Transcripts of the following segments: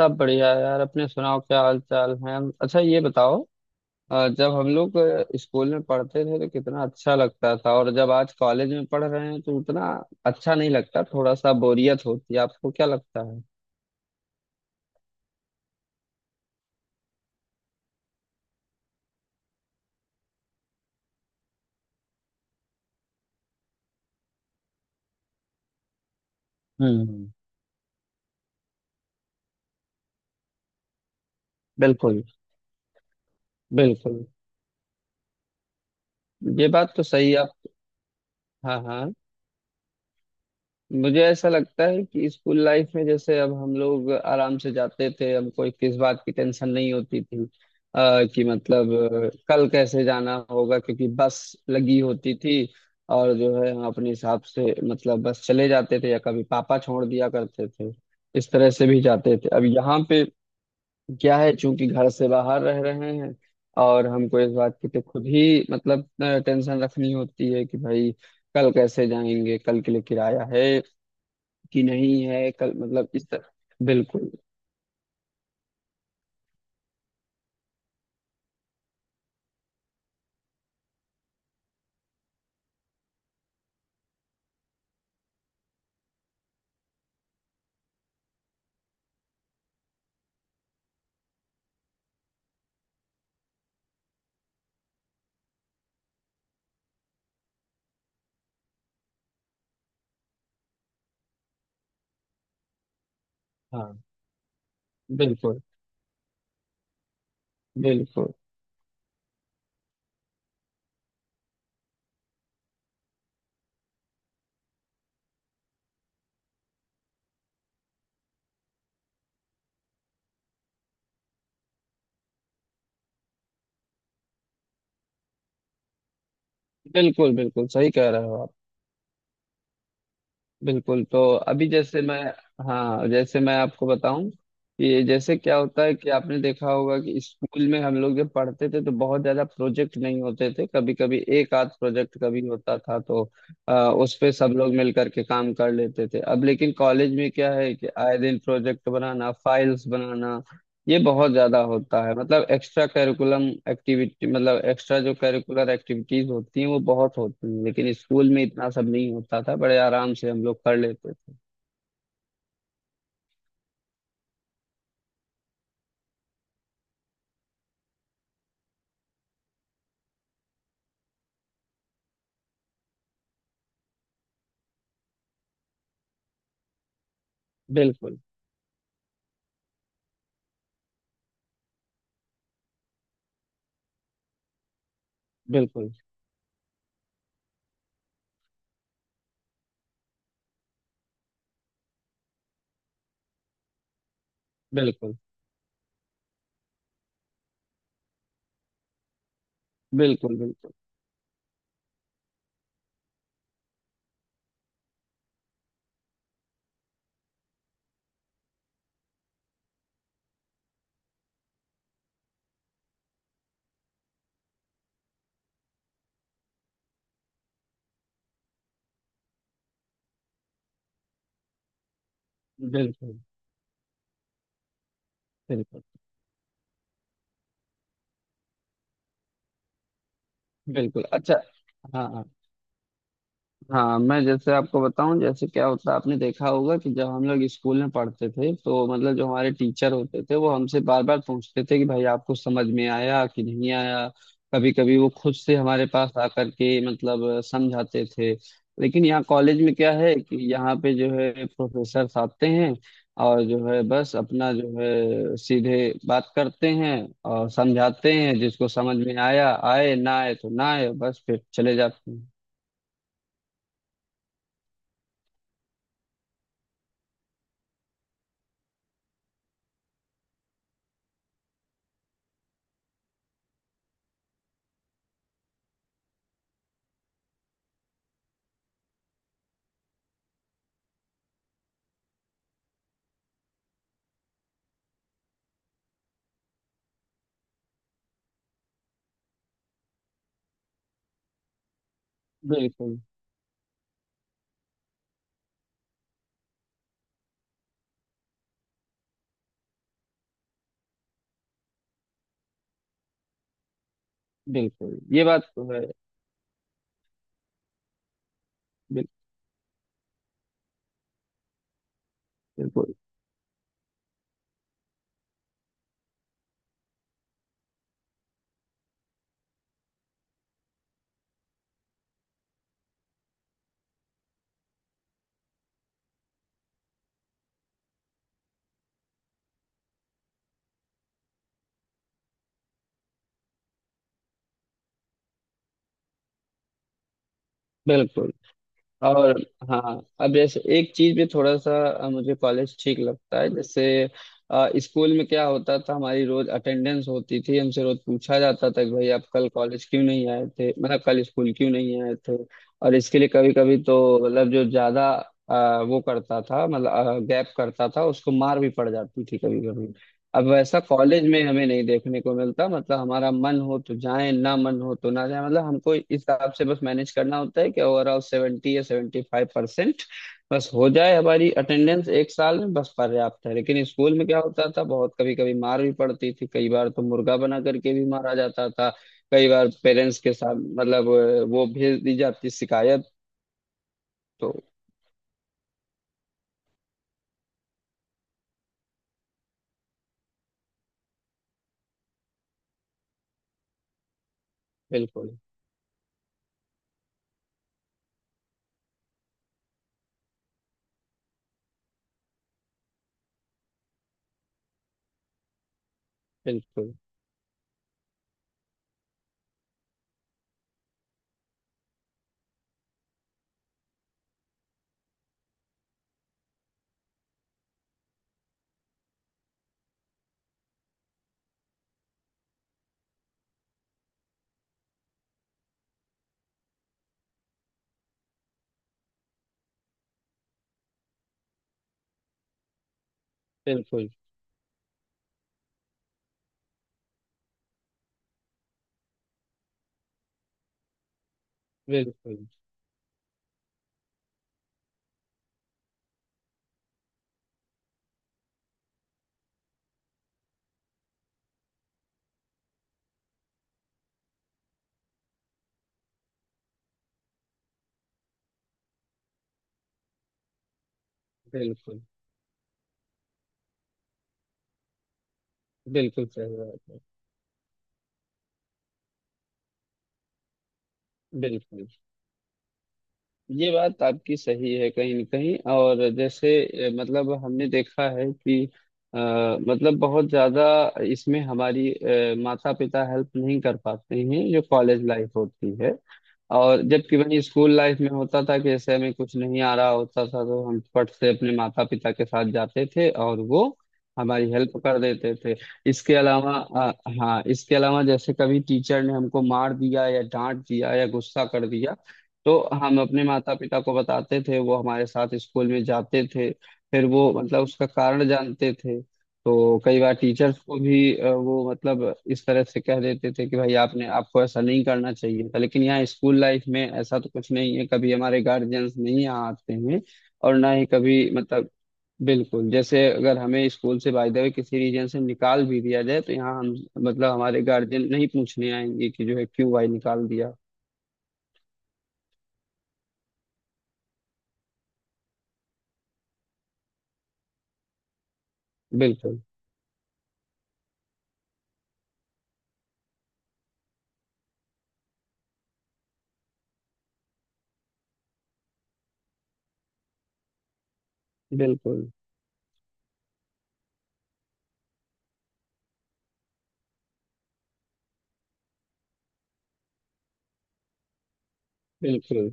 सब बढ़िया है यार। अपने सुनाओ, क्या हाल चाल है? अच्छा, ये बताओ। जब हम लोग स्कूल में पढ़ते थे तो कितना अच्छा लगता था, और जब आज कॉलेज में पढ़ रहे हैं तो उतना अच्छा नहीं लगता, थोड़ा सा बोरियत होती है। आपको क्या लगता है? हम्म। बिल्कुल बिल्कुल, ये बात तो सही है आप। हाँ हाँ, मुझे ऐसा लगता है कि स्कूल लाइफ में जैसे अब हम लोग आराम से जाते थे, हमको एक किस बात की टेंशन नहीं होती थी। कि मतलब कल कैसे जाना होगा, क्योंकि बस लगी होती थी। और जो है, हम अपने हिसाब से मतलब बस चले जाते थे, या कभी पापा छोड़ दिया करते थे, इस तरह से भी जाते थे। अब यहाँ पे क्या है, चूंकि घर से बाहर रह रहे हैं, और हमको इस बात की तो खुद ही मतलब टेंशन रखनी होती है कि भाई कल कैसे जाएंगे, कल के लिए किराया है कि नहीं है, कल मतलब इस तरह। बिल्कुल। हाँ बिल्कुल। बिल्कुल बिल्कुल बिल्कुल सही कह रहे हो आप। बिल्कुल, तो अभी जैसे मैं। हाँ, जैसे मैं आपको बताऊं कि जैसे क्या होता है कि आपने देखा होगा कि स्कूल में हम लोग जब पढ़ते थे तो बहुत ज्यादा प्रोजेक्ट नहीं होते थे, कभी कभी एक आध प्रोजेक्ट कभी होता था, तो उस पे सब लोग मिल करके काम कर लेते थे। अब लेकिन कॉलेज में क्या है कि आए दिन प्रोजेक्ट बनाना, फाइल्स बनाना, ये बहुत ज्यादा होता है। मतलब एक्स्ट्रा करिकुलम एक्टिविटी, मतलब एक्स्ट्रा जो करिकुलर एक्टिविटीज होती हैं वो बहुत होती हैं, लेकिन स्कूल में इतना सब नहीं होता था, बड़े आराम से हम लोग कर लेते थे। बिल्कुल बिल्कुल बिल्कुल। बिल्कुल। बिल्कुल बिल्कुल। बिल्कुल बिल्कुल अच्छा। हाँ हाँ। हाँ, मैं जैसे आपको बताऊं जैसे क्या होता है, आपने देखा होगा कि जब हम लोग स्कूल में पढ़ते थे तो मतलब जो हमारे टीचर होते थे वो हमसे बार बार पूछते थे कि भाई आपको समझ में आया कि नहीं आया। कभी कभी वो खुद से हमारे पास आकर के मतलब समझाते थे। लेकिन यहाँ कॉलेज में क्या है कि यहाँ पे जो है प्रोफेसर आते हैं, और जो है बस अपना जो है सीधे बात करते हैं और समझाते हैं, जिसको समझ में आया आए, ना आए तो ना आए, बस फिर चले जाते हैं। बिल्कुल। बिल्कुल, ये बात तो है। बिल- बिल्कुल बिल्कुल। और हाँ, अब जैसे एक चीज भी थोड़ा सा मुझे कॉलेज ठीक लगता है। जैसे स्कूल में क्या होता था, हमारी रोज अटेंडेंस होती थी, हमसे रोज पूछा जाता था कि भाई आप कल कॉलेज क्यों नहीं आए थे, मतलब कल स्कूल क्यों नहीं आए थे। और इसके लिए कभी कभी तो मतलब जो ज्यादा वो करता था, मतलब गैप करता था, उसको मार भी पड़ जाती थी कभी। अब वैसा कॉलेज में हमें नहीं देखने को मिलता, मतलब हमारा मन हो तो जाए, ना मन हो तो ना जाए। मतलब हमको इस हिसाब से बस मैनेज करना होता है कि ओवरऑल 70 या 75% बस हो जाए हमारी अटेंडेंस एक साल में, बस पर्याप्त है। लेकिन स्कूल में क्या होता था, बहुत कभी कभी मार भी पड़ती थी, कई बार तो मुर्गा बना करके भी मारा जाता था। कई बार पेरेंट्स के साथ मतलब वो भेज दी जाती शिकायत। तो बिल्कुल। बिल्कुल बिल्कुल। बिल्कुल बिल्कुल। बिल्कुल सही बात है। बिल्कुल, ये बात आपकी सही है कहीं न कहीं, और जैसे मतलब हमने देखा है कि अ, मतलब बहुत ज्यादा इसमें हमारी माता पिता हेल्प नहीं कर पाते हैं जो कॉलेज लाइफ होती है। और जबकि वही स्कूल लाइफ में होता था कि जैसे हमें कुछ नहीं आ रहा होता था तो हम फट से अपने माता पिता के साथ जाते थे और वो हमारी हेल्प कर देते थे। इसके अलावा हाँ, इसके अलावा जैसे कभी टीचर ने हमको मार दिया या डांट दिया या गुस्सा कर दिया, तो हम अपने माता पिता को बताते थे, वो हमारे साथ स्कूल में जाते थे, फिर वो मतलब उसका कारण जानते थे। तो कई बार टीचर्स को भी वो मतलब इस तरह से कह देते थे कि भाई आपने आपको ऐसा नहीं करना चाहिए था। लेकिन यहाँ स्कूल लाइफ में ऐसा तो कुछ नहीं है, कभी हमारे गार्जियंस नहीं यहाँ आते हैं, और ना ही कभी मतलब। बिल्कुल, जैसे अगर हमें स्कूल से बाय द वे किसी रीजन से निकाल भी दिया जाए तो यहाँ हम मतलब हमारे गार्जियन नहीं पूछने आएंगे कि जो है क्यों भाई निकाल दिया। बिल्कुल। बिल्कुल बिल्कुल।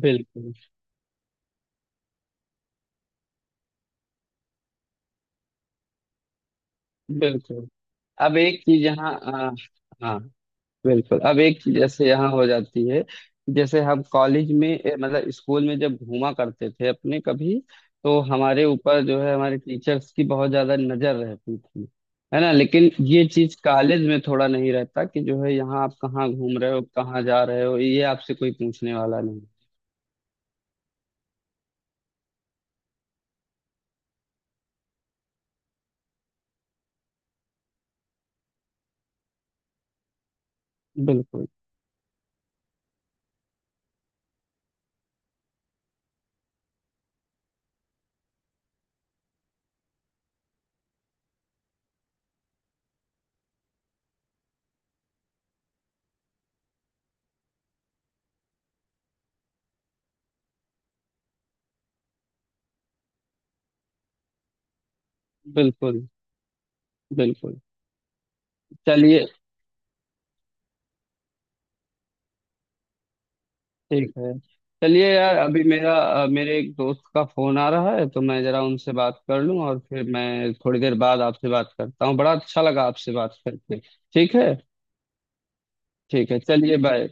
बिल्कुल बिल्कुल। अब एक चीज यहाँ हाँ बिल्कुल, अब एक चीज जैसे यहाँ हो जाती है, जैसे हम कॉलेज में मतलब स्कूल में जब घूमा करते थे अपने कभी, तो हमारे ऊपर जो है हमारे टीचर्स की बहुत ज्यादा नजर रहती थी, है ना। लेकिन ये चीज कॉलेज में थोड़ा नहीं रहता कि जो है यहाँ आप कहाँ घूम रहे हो कहाँ जा रहे हो, ये आपसे कोई पूछने वाला नहीं। बिल्कुल। बिल्कुल बिल्कुल। चलिए, ठीक है। चलिए यार, अभी मेरा मेरे एक दोस्त का फोन आ रहा है तो मैं जरा उनसे बात कर लूं और फिर मैं थोड़ी देर बाद आपसे बात करता हूँ। बड़ा अच्छा लगा आपसे बात करके, ठीक है? ठीक है, चलिए बाय।